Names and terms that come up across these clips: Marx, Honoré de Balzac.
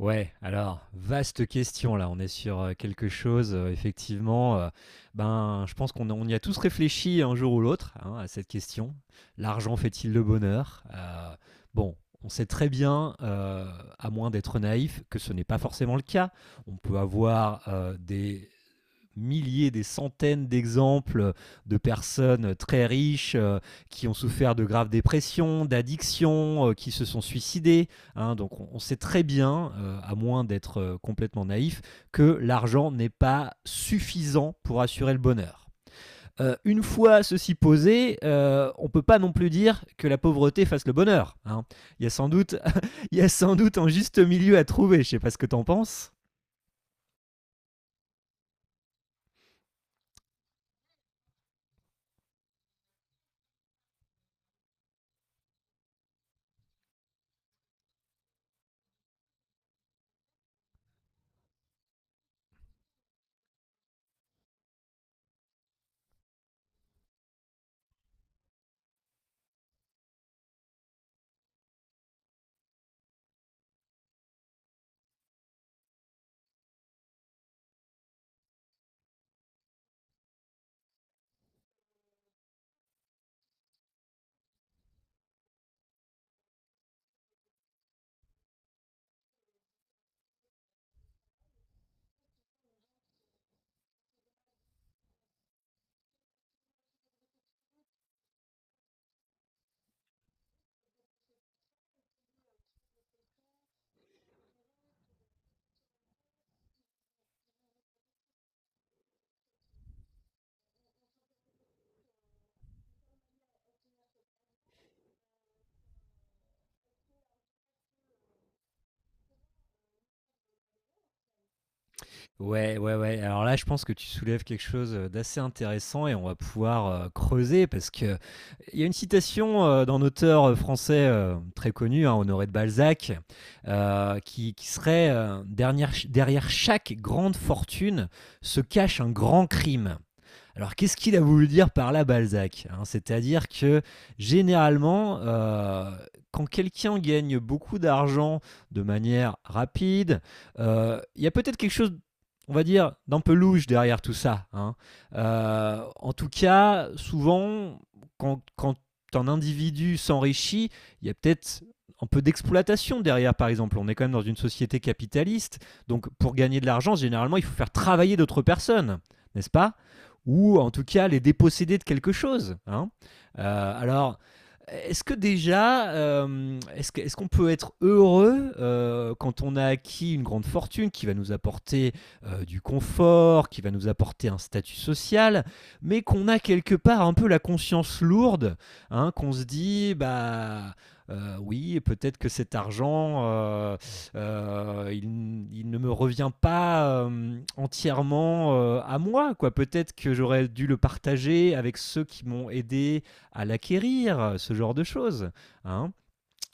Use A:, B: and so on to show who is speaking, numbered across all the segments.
A: Ouais, alors, vaste question là, on est sur quelque chose, effectivement, je pense qu'on on y a tous réfléchi un jour ou l'autre hein, à cette question. L'argent fait-il le bonheur? Bon, on sait très bien, à moins d'être naïf, que ce n'est pas forcément le cas. On peut avoir des milliers, des centaines d'exemples de personnes très riches qui ont souffert de graves dépressions, d'addictions, qui se sont suicidées, hein. Donc on sait très bien, à moins d'être complètement naïf, que l'argent n'est pas suffisant pour assurer le bonheur. Une fois ceci posé, on ne peut pas non plus dire que la pauvreté fasse le bonheur, hein. Il, y a sans doute, Il y a sans doute un juste milieu à trouver, je ne sais pas ce que t'en penses. Ouais, ouais, ouais. Alors là, je pense que tu soulèves quelque chose d'assez intéressant et on va pouvoir creuser parce que il y a une citation d'un auteur français très connu, hein, Honoré de Balzac, qui serait derrière chaque grande fortune se cache un grand crime. Alors qu'est-ce qu'il a voulu dire par là Balzac, hein? C'est-à-dire que généralement, quand quelqu'un gagne beaucoup d'argent de manière rapide, il y a peut-être quelque chose on va dire, d'un peu louche derrière tout ça, hein. En tout cas, souvent, quand un individu s'enrichit, il y a peut-être un peu d'exploitation derrière, par exemple. On est quand même dans une société capitaliste, donc pour gagner de l'argent, généralement, il faut faire travailler d'autres personnes, n'est-ce pas, ou en tout cas les déposséder de quelque chose, hein. Euh, alors, est-ce que déjà, est-ce qu'on peut être heureux quand on a acquis une grande fortune qui va nous apporter du confort, qui va nous apporter un statut social, mais qu'on a quelque part un peu la conscience lourde, hein, qu'on se dit, bah, oui, peut-être que cet argent, il ne me revient pas entièrement à moi, quoi. Peut-être que j'aurais dû le partager avec ceux qui m'ont aidé à l'acquérir, ce genre de choses, hein.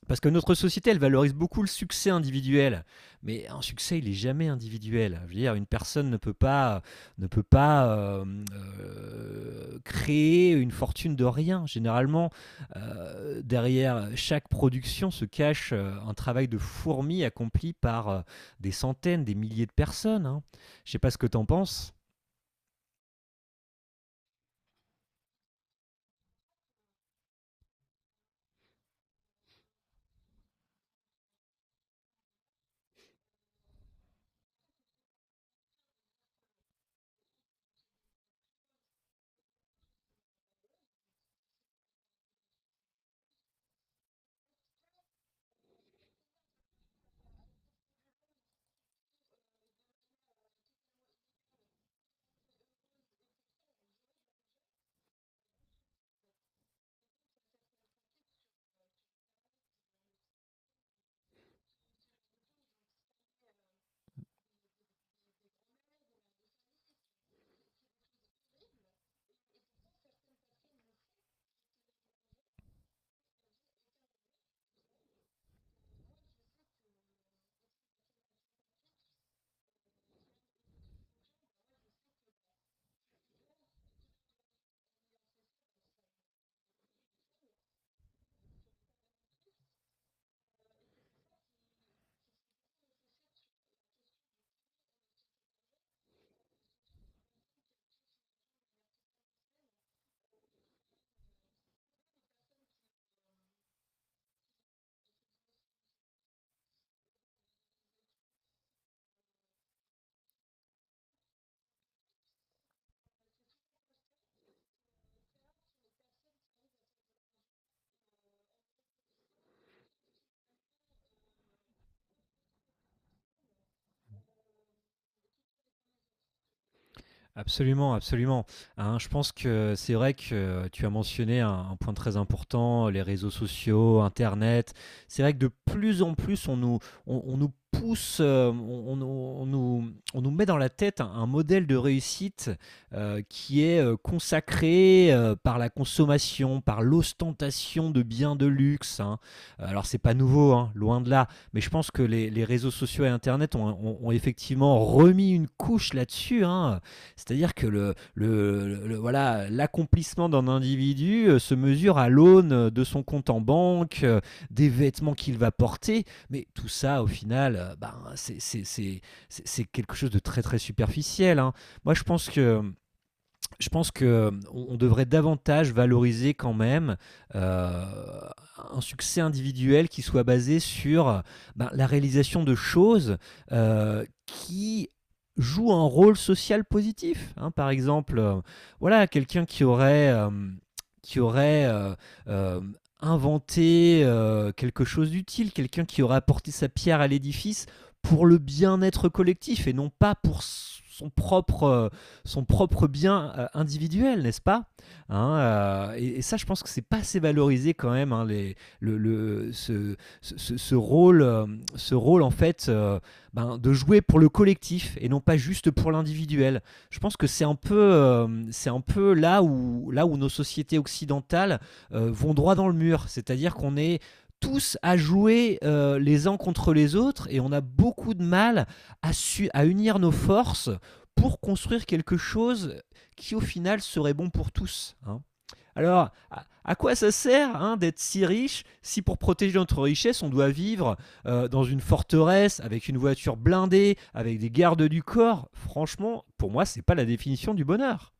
A: Parce que notre société, elle valorise beaucoup le succès individuel, mais un succès, il est jamais individuel. Je veux dire, une personne ne peut pas, ne peut pas créer une fortune de rien. Généralement, derrière chaque production se cache un travail de fourmi accompli par des centaines, des milliers de personnes, hein. Je ne sais pas ce que tu en penses. Absolument, absolument. Hein, je pense que c'est vrai que tu as mentionné un point très important, les réseaux sociaux, Internet. C'est vrai que de plus en plus, on nous pousse, on nous, on nous- on nous met dans la tête un modèle de réussite qui est consacré par la consommation, par l'ostentation de biens de luxe, hein. Alors, c'est pas nouveau, hein, loin de là. Mais je pense que les réseaux sociaux et Internet ont effectivement remis une couche là-dessus, hein. C'est-à-dire que voilà, l'accomplissement d'un individu se mesure à l'aune de son compte en banque, des vêtements qu'il va porter, mais tout ça au final, c'est quelque chose de très très superficiel, hein. Moi je pense que Je pense que on devrait davantage valoriser quand même euh, un succès individuel qui soit basé sur ben, la réalisation de choses qui jouent un rôle social positif, hein. Par exemple, voilà, qui aurait euh, inventé quelque chose d'utile, quelqu'un qui aurait apporté sa pierre à l'édifice pour le bien-être collectif et non pas pour son propre, euh, son propre bien individuel, n'est-ce pas? Hein, et ça, je pense que c'est pas assez valorisé quand même, hein, les, le- ce- ce rôle en fait ben, de jouer pour le collectif et non pas juste pour l'individuel. Je pense que c'est un peu là où nos sociétés occidentales vont droit dans le mur, c'est-à-dire qu'on est tous à jouer les uns contre les autres et on a beaucoup de mal à, à unir nos forces pour construire quelque chose qui au final serait bon pour tous, hein. Alors, à quoi ça sert hein, d'être si riche si pour protéger notre richesse, on doit vivre dans une forteresse avec une voiture blindée, avec des gardes du corps? Franchement, pour moi, c'est pas la définition du bonheur.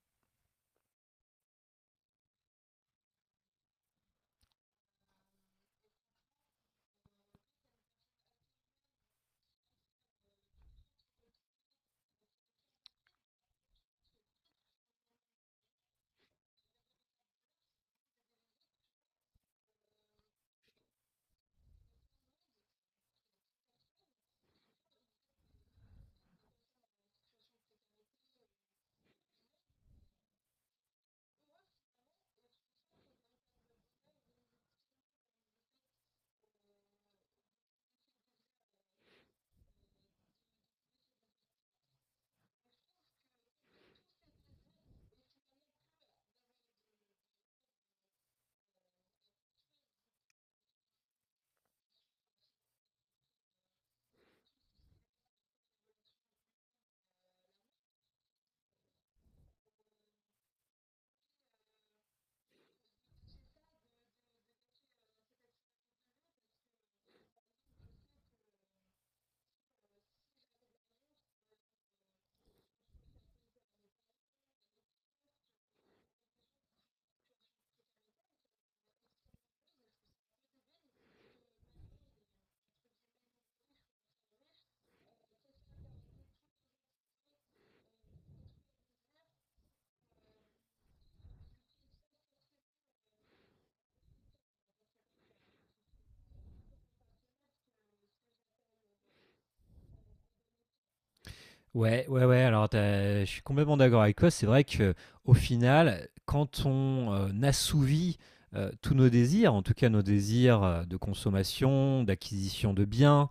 A: Ouais, ouais, ouais. Alors, je suis complètement d'accord avec toi. C'est vrai que au final, quand on assouvit tous nos désirs, en tout cas nos désirs de consommation, d'acquisition de biens,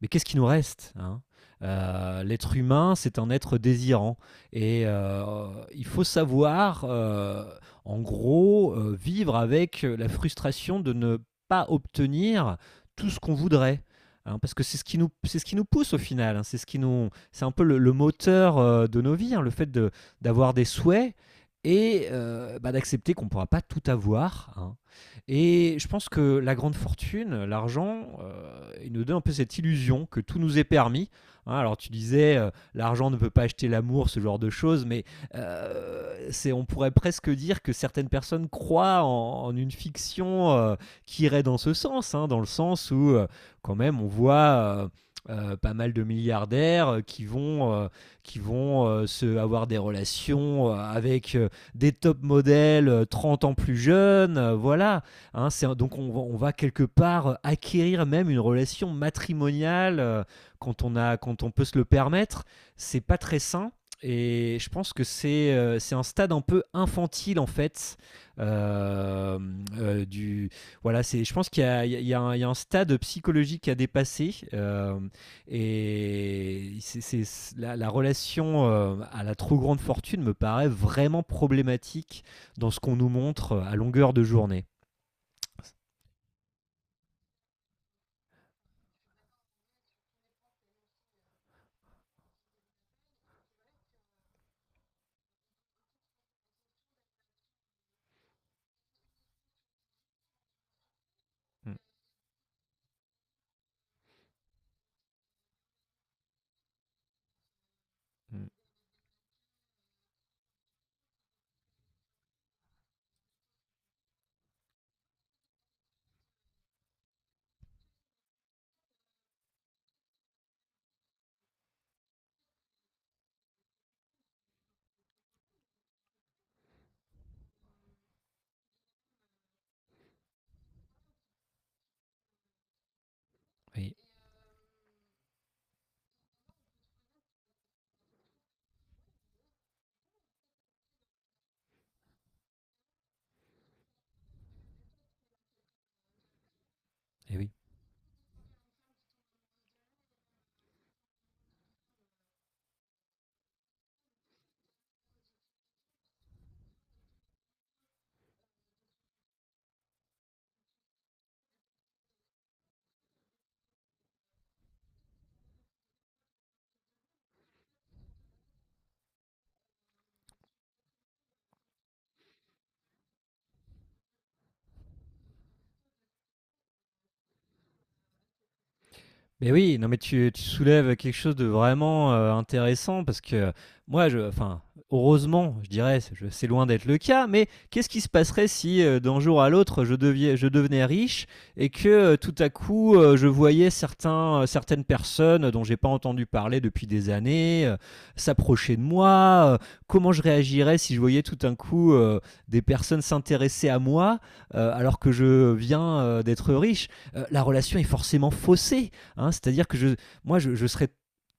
A: mais qu'est-ce qui nous reste, hein? L'être humain, c'est un être désirant. Et il faut savoir, en gros, vivre avec la frustration de ne pas obtenir tout ce qu'on voudrait, hein, parce que c'est ce qui nous pousse au final, hein, c'est ce qui nous, c'est un peu le moteur de nos vies, hein, le fait d'avoir des souhaits et d'accepter qu'on ne pourra pas tout avoir, hein. Et je pense que la grande fortune, l'argent, il nous donne un peu cette illusion que tout nous est permis, hein. Alors tu disais, l'argent ne peut pas acheter l'amour, ce genre de choses, mais on pourrait presque dire que certaines personnes croient en une fiction qui irait dans ce sens, hein, dans le sens où quand même on voit pas mal de milliardaires qui vont avoir des relations avec des top modèles 30 ans plus jeunes. Voilà, hein. Donc on va quelque part acquérir même une relation matrimoniale quand on peut se le permettre. C'est pas très sain. Et je pense que c'est un stade un peu infantile en fait. Euh, euh, du, voilà, je pense qu'il y a, il y a- il y a il y a un stade psychologique à dépasser. La relation à la trop grande fortune me paraît vraiment problématique dans ce qu'on nous montre à longueur de journée. Mm, mm, oui, eh oui. Mais oui, non mais tu soulèves quelque chose de vraiment, intéressant parce que moi je enfin, heureusement je dirais, c'est loin d'être le cas, mais qu'est-ce qui se passerait si, d'un jour à l'autre je devenais riche et que, tout à coup, je voyais certaines personnes dont j'ai pas entendu parler depuis des années, s'approcher de moi, Comment je réagirais si je voyais tout d'un coup, des personnes s'intéresser à moi, alors que je viens, d'être riche? La relation est forcément faussée. Hein, c'est-à-dire que je serais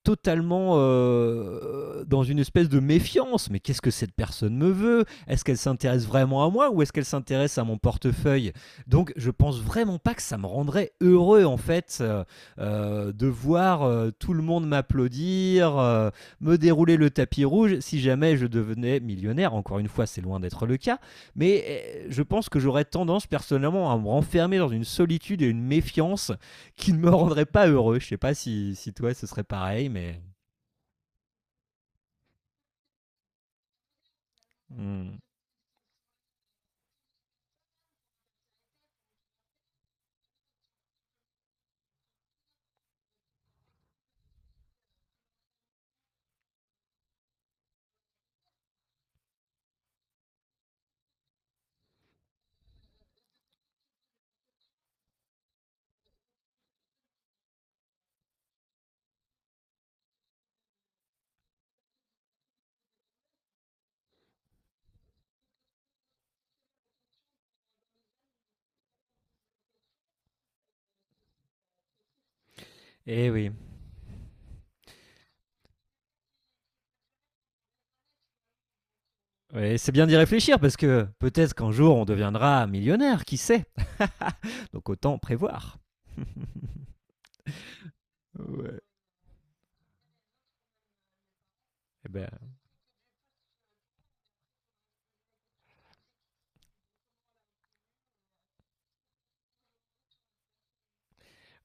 A: totalement dans une espèce de méfiance. Mais qu'est-ce que cette personne me veut? Est-ce qu'elle s'intéresse vraiment à moi ou est-ce qu'elle s'intéresse à mon portefeuille? Donc je pense vraiment pas que ça me rendrait heureux en fait de voir tout le monde m'applaudir, me dérouler le tapis rouge si jamais je devenais millionnaire. Encore une fois, c'est loin d'être le cas. Mais je pense que j'aurais tendance personnellement à me renfermer dans une solitude et une méfiance qui ne me rendrait pas heureux. Je sais pas si, si toi ce serait pareil, mais. Hmm. Eh oui. Ouais, c'est bien d'y réfléchir parce que peut-être qu'un jour on deviendra millionnaire, qui sait? Donc autant prévoir. Ouais. Eh ben,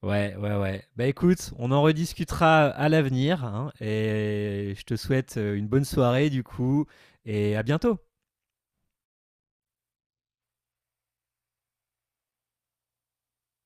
A: ouais, ouais, ouais. Bah écoute, on en rediscutera à l'avenir hein, et je te souhaite une bonne soirée du coup et à bientôt.